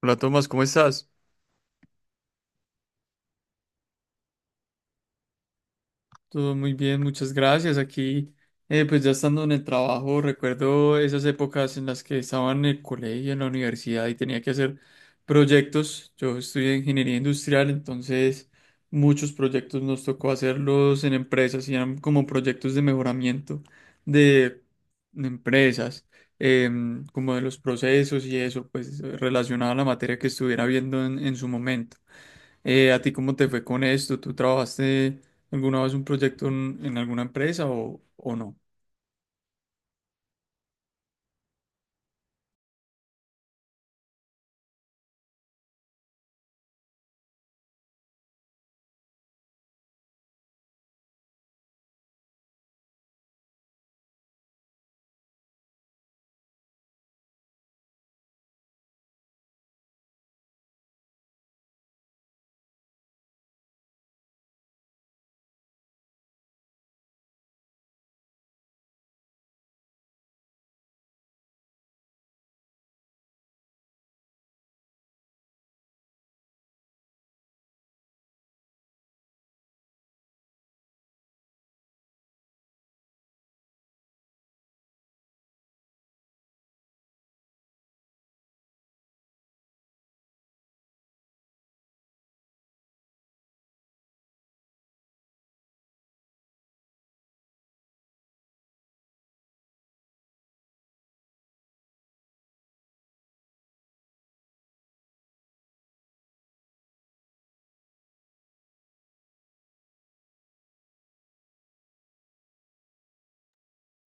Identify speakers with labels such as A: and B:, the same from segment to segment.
A: Hola Tomás, ¿cómo estás? Todo muy bien, muchas gracias. Aquí, pues ya estando en el trabajo, recuerdo esas épocas en las que estaba en el colegio, en la universidad y tenía que hacer proyectos. Yo estudié ingeniería industrial, entonces muchos proyectos nos tocó hacerlos en empresas y eran como proyectos de mejoramiento de empresas, como de los procesos y eso, pues relacionado a la materia que estuviera viendo en su momento. ¿a ti cómo te fue con esto? ¿Tú trabajaste alguna vez un proyecto en alguna empresa o no?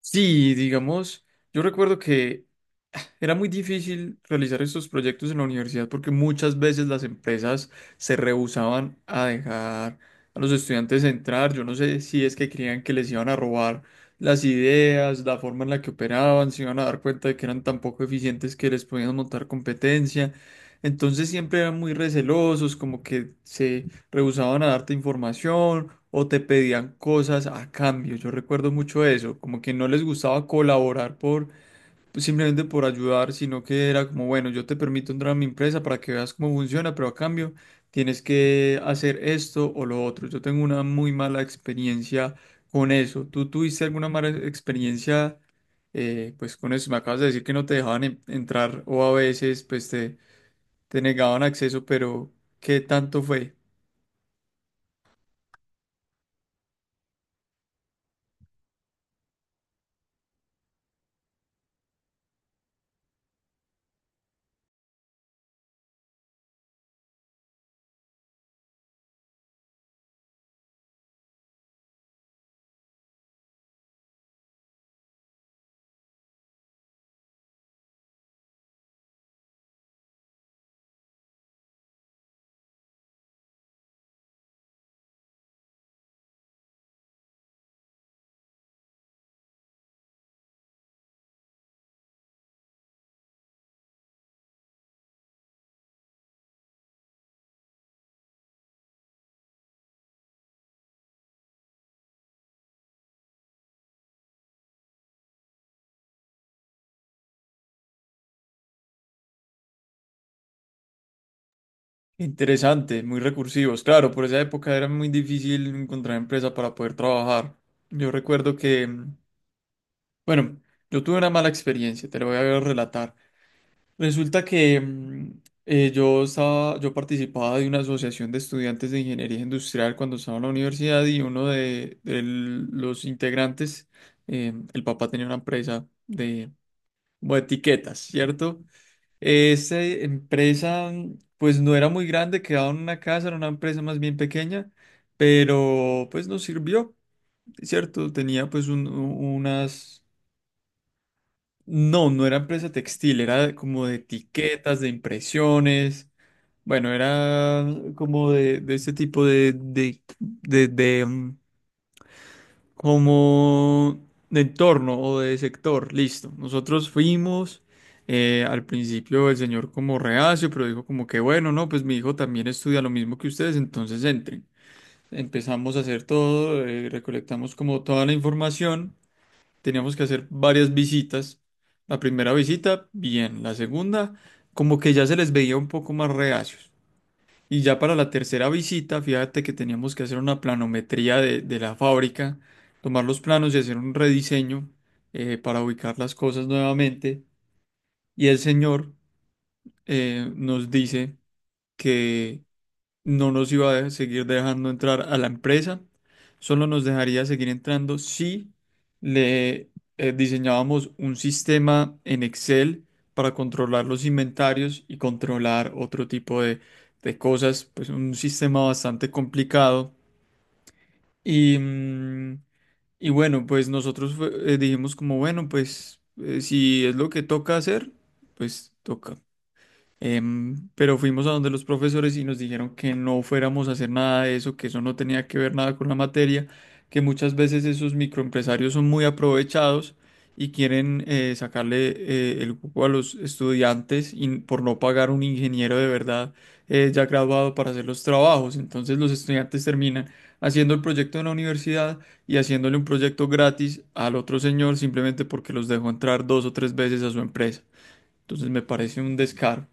A: Sí, digamos, yo recuerdo que era muy difícil realizar estos proyectos en la universidad porque muchas veces las empresas se rehusaban a dejar a los estudiantes entrar. Yo no sé si es que creían que les iban a robar las ideas, la forma en la que operaban, se iban a dar cuenta de que eran tan poco eficientes que les podían montar competencia. Entonces siempre eran muy recelosos, como que se rehusaban a darte información o te pedían cosas a cambio. Yo recuerdo mucho eso, como que no les gustaba colaborar por pues, simplemente por ayudar, sino que era como, bueno, yo te permito entrar a mi empresa para que veas cómo funciona, pero a cambio tienes que hacer esto o lo otro. Yo tengo una muy mala experiencia con eso. ¿Tú tuviste alguna mala experiencia pues con eso? Me acabas de decir que no te dejaban entrar o a veces pues te negaban acceso, pero ¿qué tanto fue? Interesante, muy recursivos. Claro, por esa época era muy difícil encontrar empresa para poder trabajar. Yo recuerdo que, bueno, yo tuve una mala experiencia, te lo voy a relatar. Resulta que yo estaba, yo participaba de una asociación de estudiantes de ingeniería industrial cuando estaba en la universidad y uno de los integrantes, el papá tenía una empresa de, como de etiquetas, ¿cierto? Esta empresa, pues no era muy grande, quedaba en una casa, era una empresa más bien pequeña, pero pues nos sirvió, ¿cierto? Tenía pues unas... No, no era empresa textil, era como de etiquetas, de impresiones, bueno, era como de este tipo de, como de entorno o de sector, listo. Nosotros fuimos, al principio el señor como reacio, pero dijo como que bueno, no, pues mi hijo también estudia lo mismo que ustedes, entonces entren. Empezamos a hacer todo, recolectamos como toda la información, teníamos que hacer varias visitas. La primera visita, bien, la segunda, como que ya se les veía un poco más reacios. Y ya para la tercera visita, fíjate que teníamos que hacer una planometría de la fábrica, tomar los planos y hacer un rediseño para ubicar las cosas nuevamente. Y el señor nos dice que no nos iba a seguir dejando entrar a la empresa, solo nos dejaría seguir entrando si le diseñábamos un sistema en Excel para controlar los inventarios y controlar otro tipo de cosas, pues un sistema bastante complicado. Y, y bueno, pues nosotros dijimos como, bueno, pues si es lo que toca hacer, pues toca. Pero fuimos a donde los profesores y nos dijeron que no fuéramos a hacer nada de eso, que eso no tenía que ver nada con la materia, que muchas veces esos microempresarios son muy aprovechados y quieren sacarle el cupo a los estudiantes y por no pagar un ingeniero de verdad ya graduado para hacer los trabajos. Entonces los estudiantes terminan haciendo el proyecto en la universidad y haciéndole un proyecto gratis al otro señor simplemente porque los dejó entrar dos o tres veces a su empresa. Entonces me parece un descaro.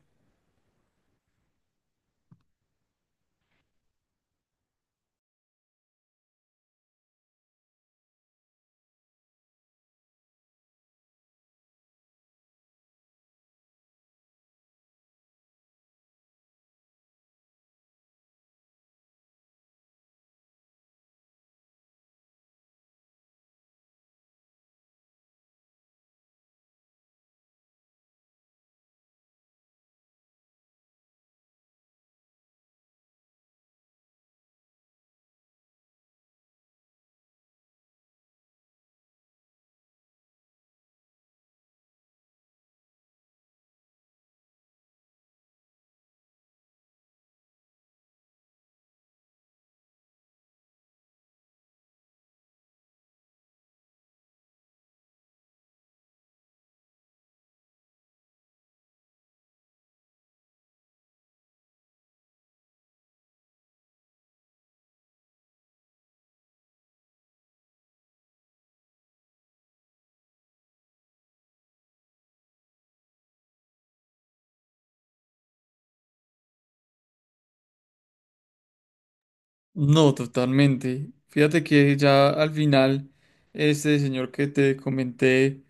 A: No, totalmente. Fíjate que ya al final, este señor que te comenté,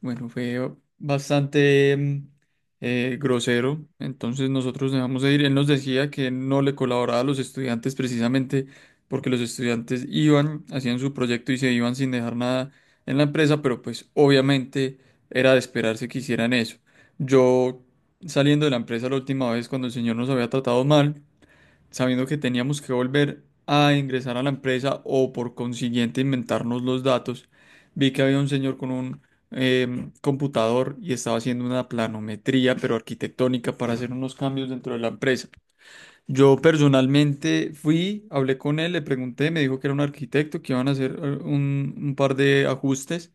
A: bueno, fue bastante grosero. Entonces nosotros dejamos de ir. Él nos decía que no le colaboraba a los estudiantes precisamente porque los estudiantes iban, hacían su proyecto y se iban sin dejar nada en la empresa, pero pues obviamente era de esperarse que hicieran eso. Yo saliendo de la empresa la última vez cuando el señor nos había tratado mal sabiendo que teníamos que volver a ingresar a la empresa o por consiguiente inventarnos los datos, vi que había un señor con un computador y estaba haciendo una planometría, pero arquitectónica, para hacer unos cambios dentro de la empresa. Yo personalmente fui, hablé con él, le pregunté, me dijo que era un arquitecto, que iban a hacer un par de ajustes.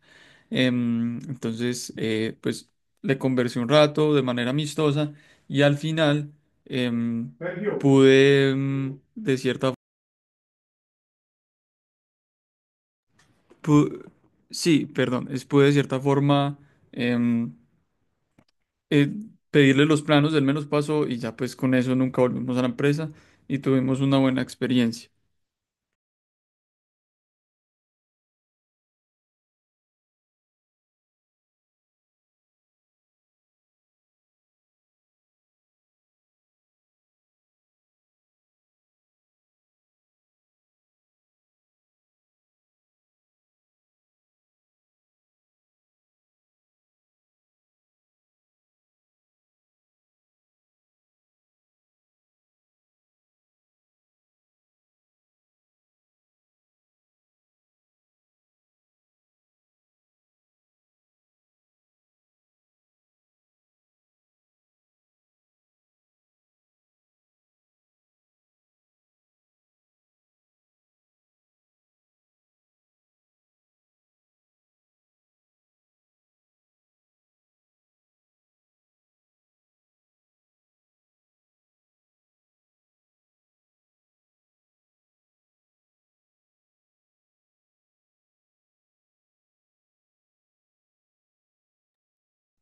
A: Entonces, pues le conversé un rato de manera amistosa y al final Sergio. Pude, em, de cierta pu- Sí, perdón, es, pude de cierta forma em, eh, pedirle los planos, él me los pasó y ya pues con eso nunca volvimos a la empresa y tuvimos una buena experiencia.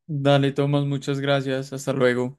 A: Dale, Tomás, muchas gracias. Hasta luego.